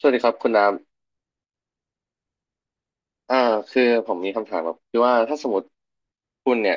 สวัสดีครับคุณน้ำคือผมมีคำถามแบบคือว่าถ้าสมมติคุณเนี่ย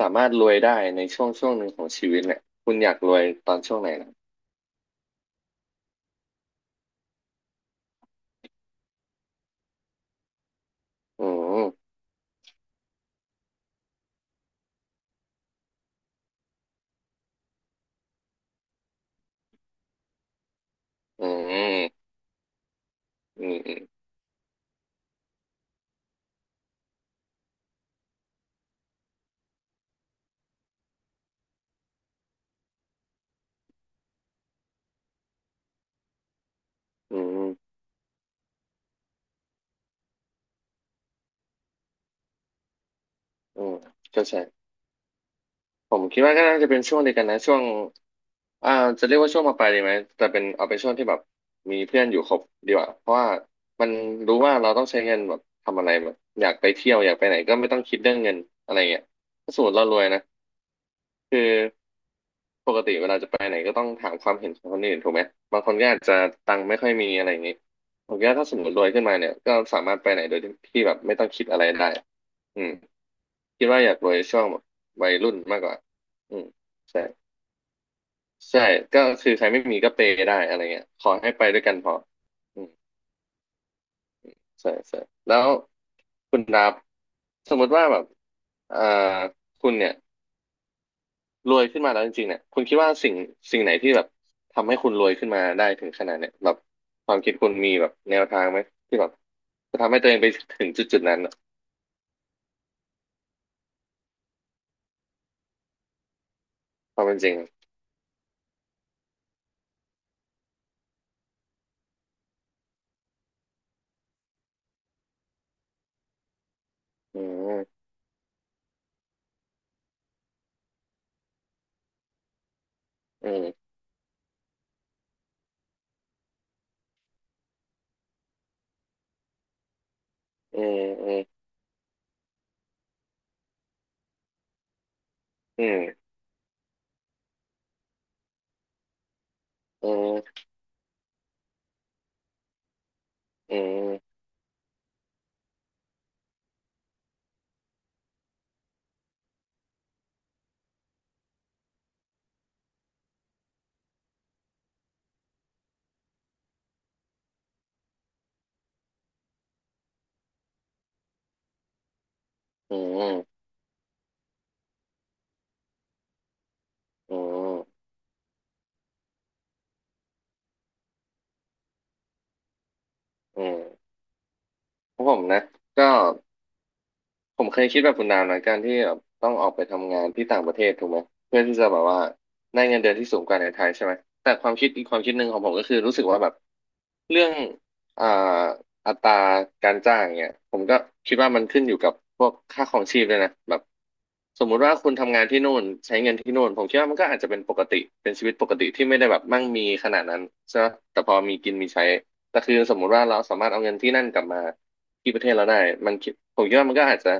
สามารถรวยได้ในช่วงหนึ่งของชีวิตเนี่ยคุณอยากรวยตอนช่วงไหนนะอืมอืมอืมอืมอืมก็ใช่ผมคิดว่าก็น่าจะเป็นช่วงเดียวกันนะช่วงอ่าจะเรียกว่าช่วงมปลายดีไหมแต่เป็นเอาเป็นช่วงที่แบบมีเพื่อนอยู่ครบดีกว่าเพราะว่ามันรู้ว่าเราต้องใช้เงินแบบทำอะไรแบบอยากไปเที่ยวอยากไปไหนก็ไม่ต้องคิดเรื่องเงินอะไรเงี้ยถ้าสมมติเรารวยนะคือ ปกติเวลาจะไปไหนก็ต้องถามความเห็นของคนอื่นถูกไหมบางคนก็อาจจะตังค์ไม่ค่อยมีอะไรอย่างนี้ผมคิดว่าถ้าสมมติรวยขึ้นมาเนี่ยก็สามารถไปไหนโดยที่แบบไม่ต้องคิดอะไรได้อืมคิดว่าอยากรวยช่วงแบบวัยรุ่นมากกว่าอืมใช่ใช่ก็คือใครไม่มีก็เปย์ได้อะไรเงี้ยขอให้ไปด้วยกันพออืมใช่ใช่แล้วคุณดับสมมติว่าแบบเอ่อคุณเนี่ย รวยขึ้นมาแล้วจริงๆเนี่ยคุณคิดว่าสิ่งไหนที่แบบทำให้คุณรวยขึ้นมาได้ถึงขนาดเนี่ยแบบความคิดคุณมีแบบแนวทางไหมที่แบบจะทำให้ตัวเองไปถึงจุดนั้นอะความเป็นจริงอะอืมอืมอืมอืมอืมอืมอืมอืมอืมอืมอืมของผมนะก็ ผมเคยคิดแบบคุณนามนะการที่แบบต้องออกไปทำงานที่ต่างประเทศถูกไหมเพื่อที่จะแบบว่าได้เงินเดือนที่สูงกว่าในไทยใช่ไหมแต่ความคิดอีกความคิดหนึ่งของผมก็คือรู้สึกว่าแบบเรื่องอ่าอัตราการจ้างเนี่ยผมก็คิดว่ามันขึ้นอยู่กับพวกค่าครองชีพด้วยนะแบบสมมุติว่าคุณทำงานที่นู่นใช้เงินที่นู่นผมคิดว่ามันก็อาจจะเป็นปกติเป็นชีวิตปกติที่ไม่ได้แบบมั่งมีขนาดนั้นใช่ไหมแต่พอมีกินมีใช้แต่คือสมมุติว่าเราสามารถเอาเงินที่นั่นกลับมาที่ประเทศเราได้มันคิดผมคิดว่ามันก็อาจจะ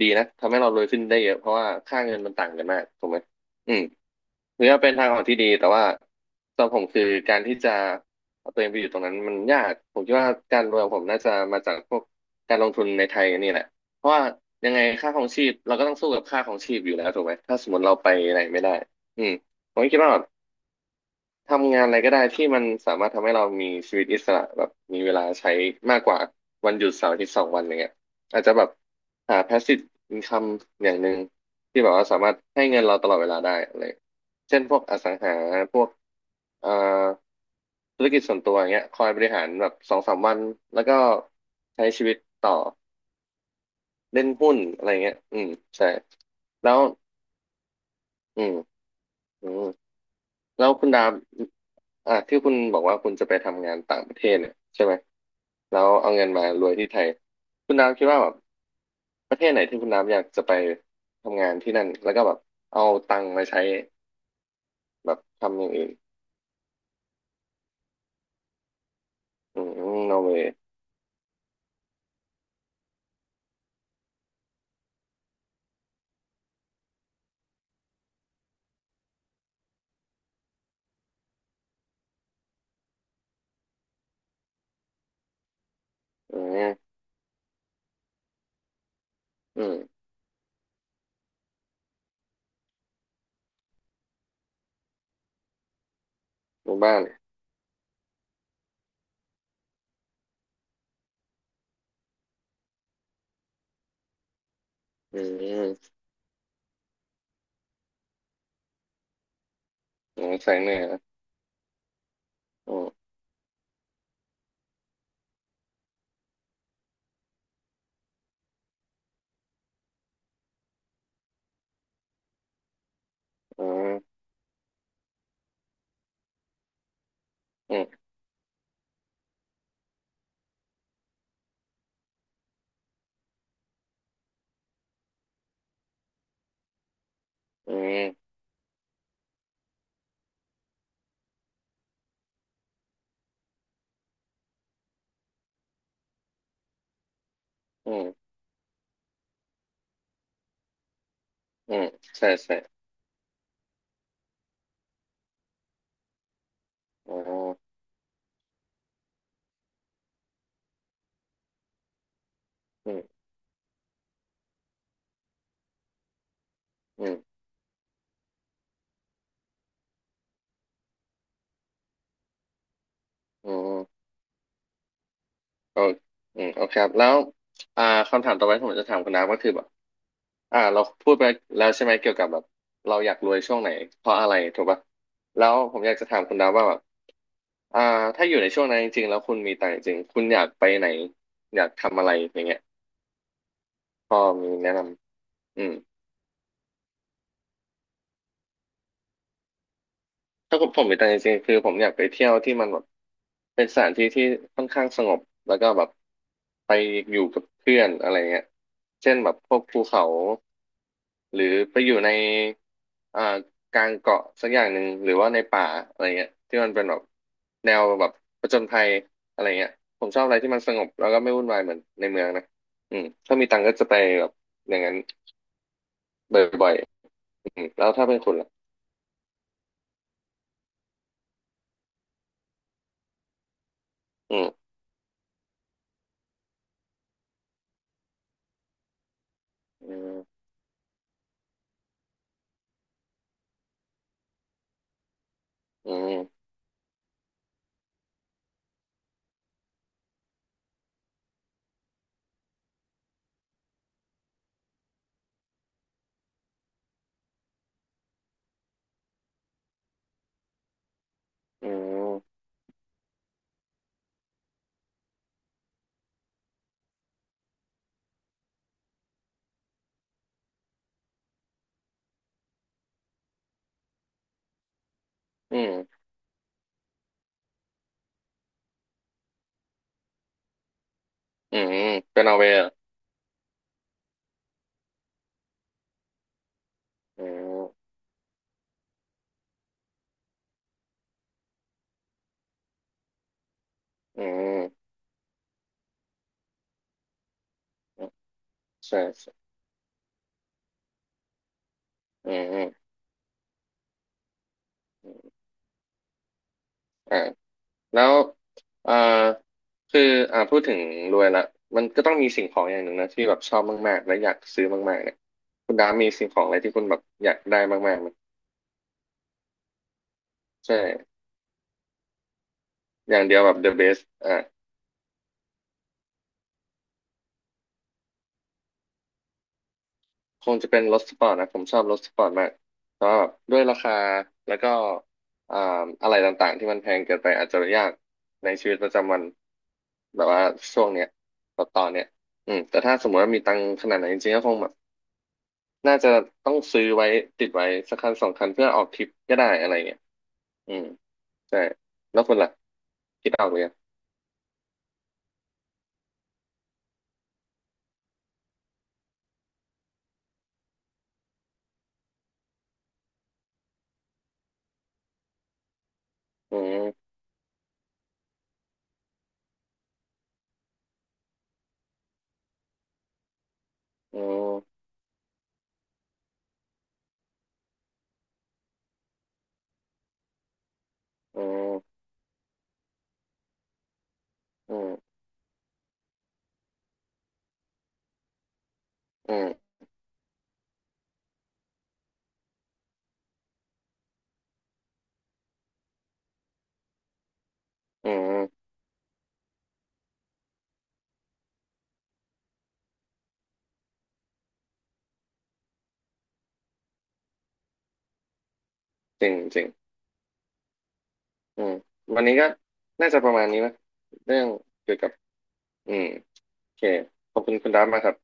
ดีนะทำให้เรารวยขึ้นได้เยอะเพราะว่าค่าเงินมันต่างกันมากถูกไหมอืมถือว่าเป็นทางออกที่ดีแต่ว่าสำหรับผมคือการที่จะเอาตัวเองไปอยู่ตรงนั้นมันยากผมคิดว่าการรวยของผมน่าจะมาจากพวกการลงทุนในไทยนี่แหละเพราะว่ายังไงค่าครองชีพเราก็ต้องสู้กับค่าครองชีพอยู่แล้วถูกไหมถ้าสมมติเราไปไหนไม่ได้อืมผมก็คิดว่า ทำงานอะไรก็ได้ที่มันสามารถทำให้เรามีชีวิตอิสระแบบมีเวลาใช้มากกว่าวันหยุดเสาร์อาทิตย์สองวันอย่างเงี้ยอาจจะแบบหา passive income อย่างหนึ่งที่แบบว่าสามารถให้เงินเราตลอดเวลาได้อะไรเช่นพวกอสังหาพวกเอ่อธุรกิจส่วนตัวอย่างเงี้ยคอยบริหารแบบสองสามวันแล้วก็ใช้ชีวิตต่อเล่นหุ้นอะไรเงี้ยอืมใช่แล้วอืมอืม แล้วคุณดาบที่คุณบอกว่าคุณจะไปทำงานต่างประเทศเนี่ยใช่ไหมแล้วเอาเงินมารวยที่ไทยคุณดาบคิดว่าแบบประเทศไหนที่คุณดาบอยากจะไปทำงานที่นั่นแล้วก็แบบเอาตังค์มาใช้แบบทำอย่างอื่นอืมนอร์เวย์อืมอืมหมู่บ้านอืมอืมแสงเหนืออืมอืมอืมอืมอืมอืมใช่ใช่อ๋ออืมอืมอืมโอเคอืมโอเคครับแล้วอ่าคำถามต่อไปที่ผมจะถามคุณน้ำก็คือแบบ เราพูดไปแล้วใช่ไหมเกี่ยวกับแบบเราอยากรวยช่วงไหนเพราะอะไรถูกปะแล้วผมอยากจะถามคุณดาวว่าแบบอ่าถ้าอยู่ในช่วงนั้นจริงๆแล้วคุณมีตังค์จริงๆคุณอยากไปไหนอยากทำอะไรอย่างเงี้ยพอมีแนะนำอืม ถ้าผมมีตังค์จริงๆคือผมอยากไปเที่ยวที่มันแบบเป็นสถานที่ที่ค่อนข้างสงบแล้วก็แบบไปอยู่กับเพื่อนอะไรเงี้ยเช่นแบบพวกภูเขาหรือไปอยู่ในอ่ากลางเกาะสักอย่างหนึ่งหรือว่าในป่าอะไรเงี้ยที่มันเป็นแบบแนวแบบผจญภัยอะไรเงี้ยผมชอบอะไรที่มันสงบแล้วก็ไม่วุ่นวายเหมือนในเมืองนะอืมถ้ามีตังค์ก็จะไปแบบอย่างนั้นบ่อยๆอืมแล้วถ้าเป็นคุณล่ะอืมอืมอืมอืม อืมอืมเป็นนอร์เวย์เหรออืมอืมอืมใช่ใช่อืมอืมอ่าแล้วเอ่อคือพูดถึงรวยละมันก็ต้องมีสิ่งของอย่างหนึ่งนะที่แบบชอบมากๆและอยากซื้อมากๆเนี่ยคุณดามีสิ่งของอะไรที่คุณแบบอยากได้มากๆไหมใช่อย่างเดียวแบบ the best คงจะเป็นรถสปอร์ตนะผมชอบรถสปอร์ตมากแต่ว่าด้วยราคาแล้วก็อ่าอะไรต่างๆที่มันแพงเกินไปอาจจะยากในชีวิตประจำวันแบบว่าช่วงเนี้ยตอนเนี้ยอืมแต่ถ้าสมมติว่ามีตังค์ขนาดไหนนจริงๆก็คงแบบน่าจะต้องซื้อไว้ติดไว้สักคันสองคันเพื่อออกทริปก็ได้อะไรเงี้ยอืมใช่แล้วคุณล่ะคิดออกเลยงอืมอืมอืมอืมอืมอืมจริงจริง อืมวันนี้ก็น่าจะประมาณนี้มั้ยเรื่องเกี่ยวกับอืมโอเคขอบคุณคุณดับมากครับ